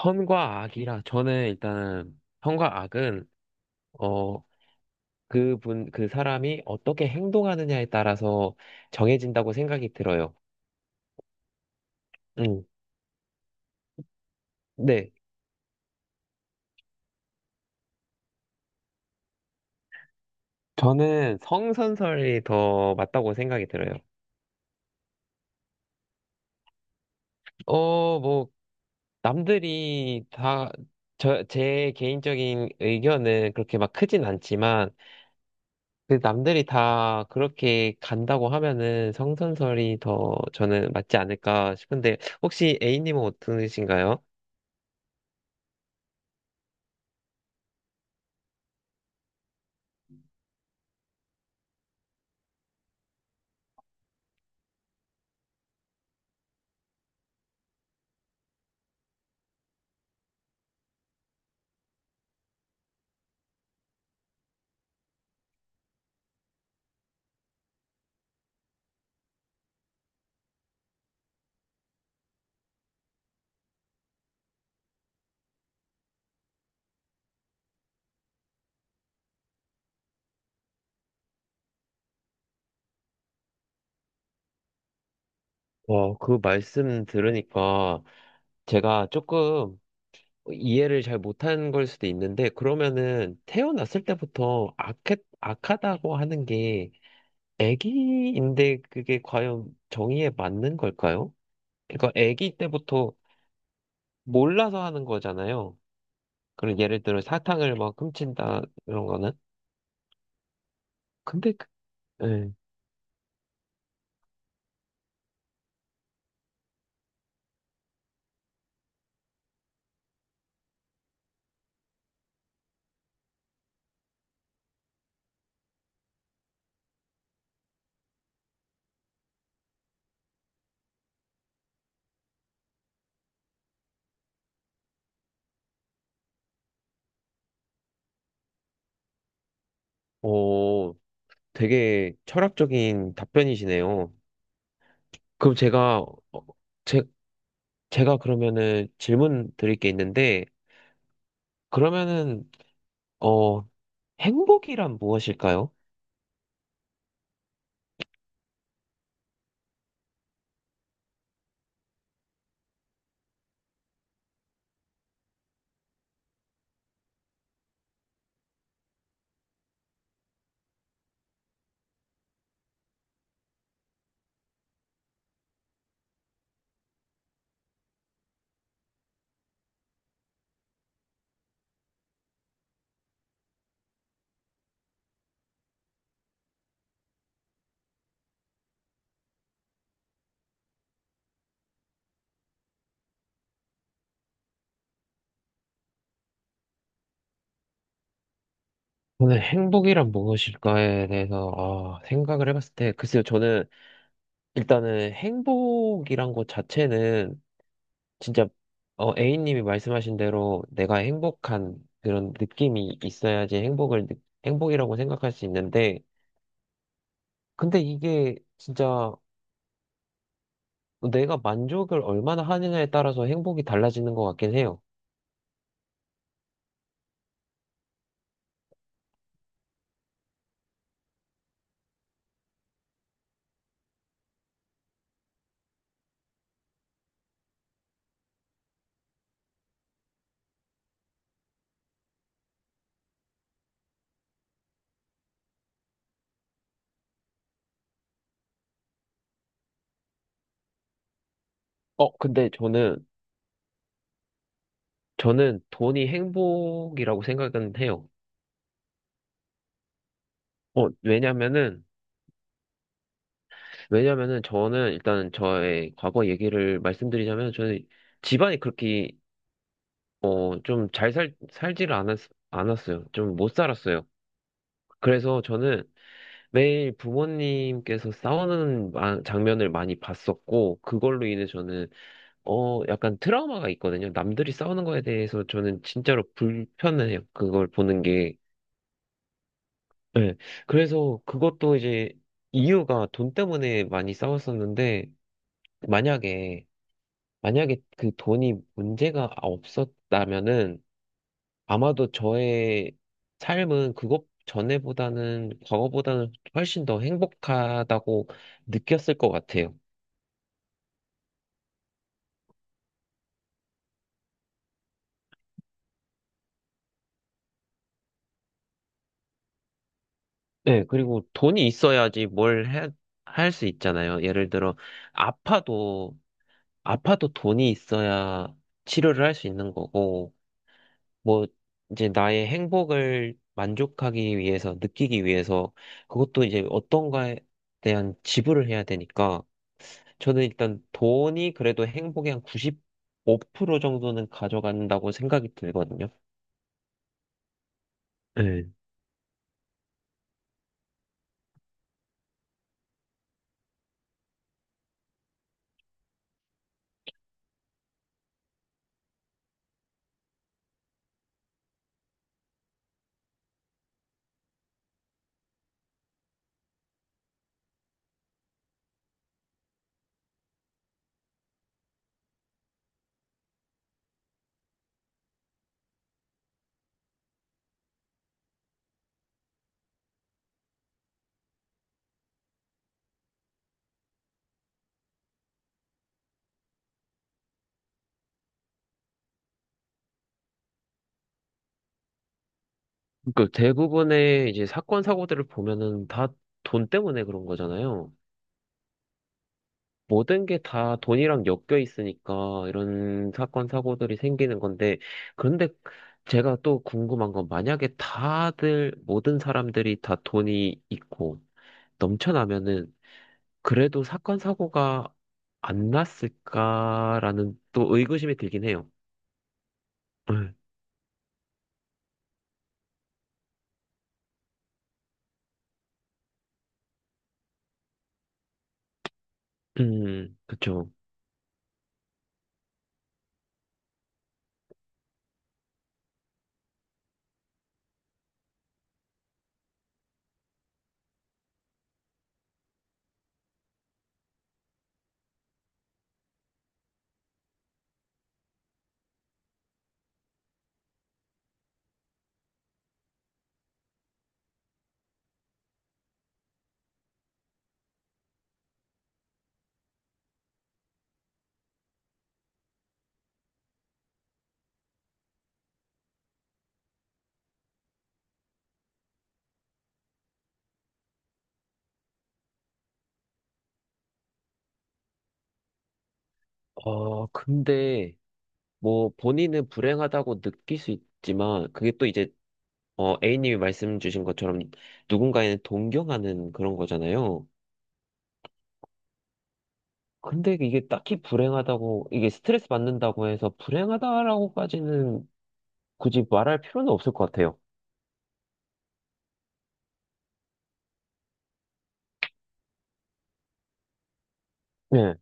선과 악이라, 저는 일단은 선과 악은 어 그분 그 사람이 어떻게 행동하느냐에 따라서 정해진다고 생각이 들어요. 음. 네. 저는 성선설이 더 맞다고 생각이 들어요. 뭐 남들이 다 제 개인적인 의견은 그렇게 막 크진 않지만 그 남들이 다 그렇게 간다고 하면은 성선설이 더 저는 맞지 않을까 싶은데, 혹시 A님은 어떠신가요? 그 말씀 들으니까 제가 조금 이해를 잘 못한 걸 수도 있는데, 그러면은 태어났을 때부터 악하다고 하는 게 애기인데, 그게 과연 정의에 맞는 걸까요? 그러니까 애기 때부터 몰라서 하는 거잖아요. 그럼 예를 들어 사탕을 막 훔친다, 이런 거는. 근데, 예, 어, 되게 철학적인 답변이시네요. 그럼 제, 제가 그러면은 질문 드릴 게 있는데, 그러면은, 어, 행복이란 무엇일까요? 저는 행복이란 무엇일까에 대해서, 아, 생각을 해봤을 때, 글쎄요, 저는 일단은 행복이란 것 자체는 진짜, 어, A님이 말씀하신 대로 내가 행복한 그런 느낌이 있어야지 행복이라고 생각할 수 있는데, 근데 이게 진짜 내가 만족을 얼마나 하느냐에 따라서 행복이 달라지는 것 같긴 해요. 근데 저는 돈이 행복이라고 생각은 해요. 왜냐면은, 왜냐면은 저는 일단 저의 과거 얘기를 말씀드리자면, 저는 집안이 그렇게, 어, 좀 않았어요. 좀 못 살았어요. 그래서 저는 매일 부모님께서 싸우는 장면을 많이 봤었고, 그걸로 인해 저는, 어, 약간 트라우마가 있거든요. 남들이 싸우는 거에 대해서 저는 진짜로 불편해요. 그걸 보는 게. 네. 그래서 그것도 이제 이유가 돈 때문에 많이 싸웠었는데, 만약에, 만약에 그 돈이 문제가 없었다면은, 아마도 저의 삶은 과거보다는 훨씬 더 행복하다고 느꼈을 것 같아요. 네, 그리고 돈이 있어야지 할 수 있잖아요. 예를 들어, 아파도, 아파도 돈이 있어야 치료를 할 수 있는 거고, 뭐 이제 나의 행복을 만족하기 위해서, 느끼기 위해서 그것도 이제 어떤가에 대한 지불을 해야 되니까, 저는 일단 돈이 그래도 행복의 한 95% 정도는 가져간다고 생각이 들거든요. 네. 그러니까 대부분의 이제 사건 사고들을 보면은 다 돈 때문에 그런 거잖아요. 모든 게 다 돈이랑 엮여 있으니까 이런 사건, 사고들이 생기는 건데, 그런데 제가 또 궁금한 건, 만약에 다들, 모든 사람들이 다 돈이 있고 넘쳐나면은 그래도 사건, 사고가 안 났을까라는 또 의구심이 들긴 해요. 음, 그쵸. 근데 뭐 본인은 불행하다고 느낄 수 있지만, 그게 또 이제 어, A님이 말씀 주신 것처럼 누군가에는 동경하는 그런 거잖아요. 근데 이게 딱히 불행하다고, 이게 스트레스 받는다고 해서 불행하다라고까지는 굳이 말할 필요는 없을 것 같아요. 네.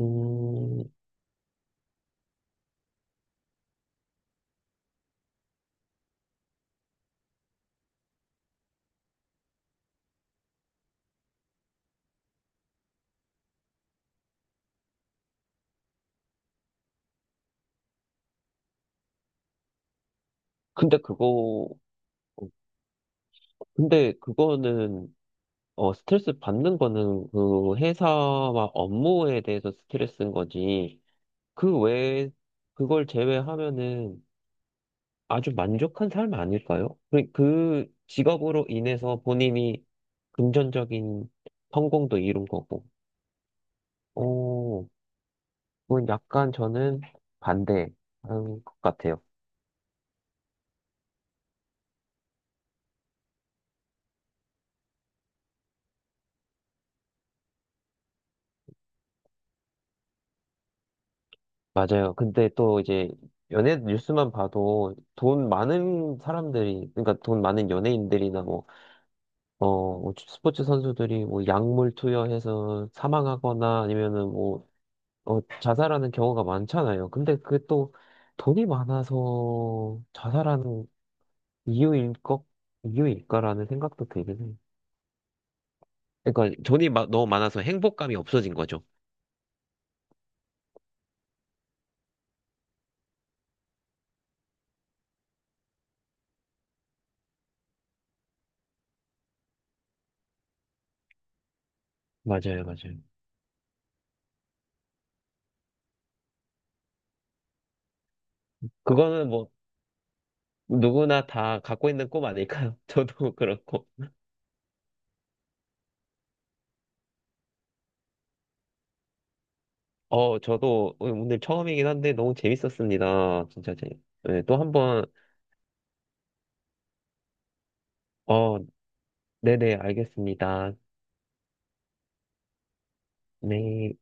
음, 근데 그거, 근데 그거는, 스트레스 받는 거는 그 회사와 업무에 대해서 스트레스인 거지. 그 외에, 그걸 제외하면은 아주 만족한 삶 아닐까요? 그 직업으로 인해서 본인이 금전적인 성공도 이룬 거고, 오, 그건 약간 저는 반대한 것 같아요. 맞아요. 근데 또 이제 연예 뉴스만 봐도 돈 많은 사람들이, 그러니까 돈 많은 연예인들이나 뭐, 뭐 스포츠 선수들이 뭐 약물 투여해서 사망하거나 아니면은 뭐 자살하는 경우가 많잖아요. 근데 그게 또 돈이 많아서 자살하는 이유일 것, 이유일까라는 생각도 들긴 해요. 그러니까 돈이 너무 많아서 행복감이 없어진 거죠. 맞아요, 맞아요. 그거는 뭐 누구나 다 갖고 있는 꿈 아닐까요? 저도 그렇고. 어, 저도 오늘 처음이긴 한데 너무 재밌었습니다. 진짜 재. 네, 또 한번 어, 네네, 알겠습니다. 네.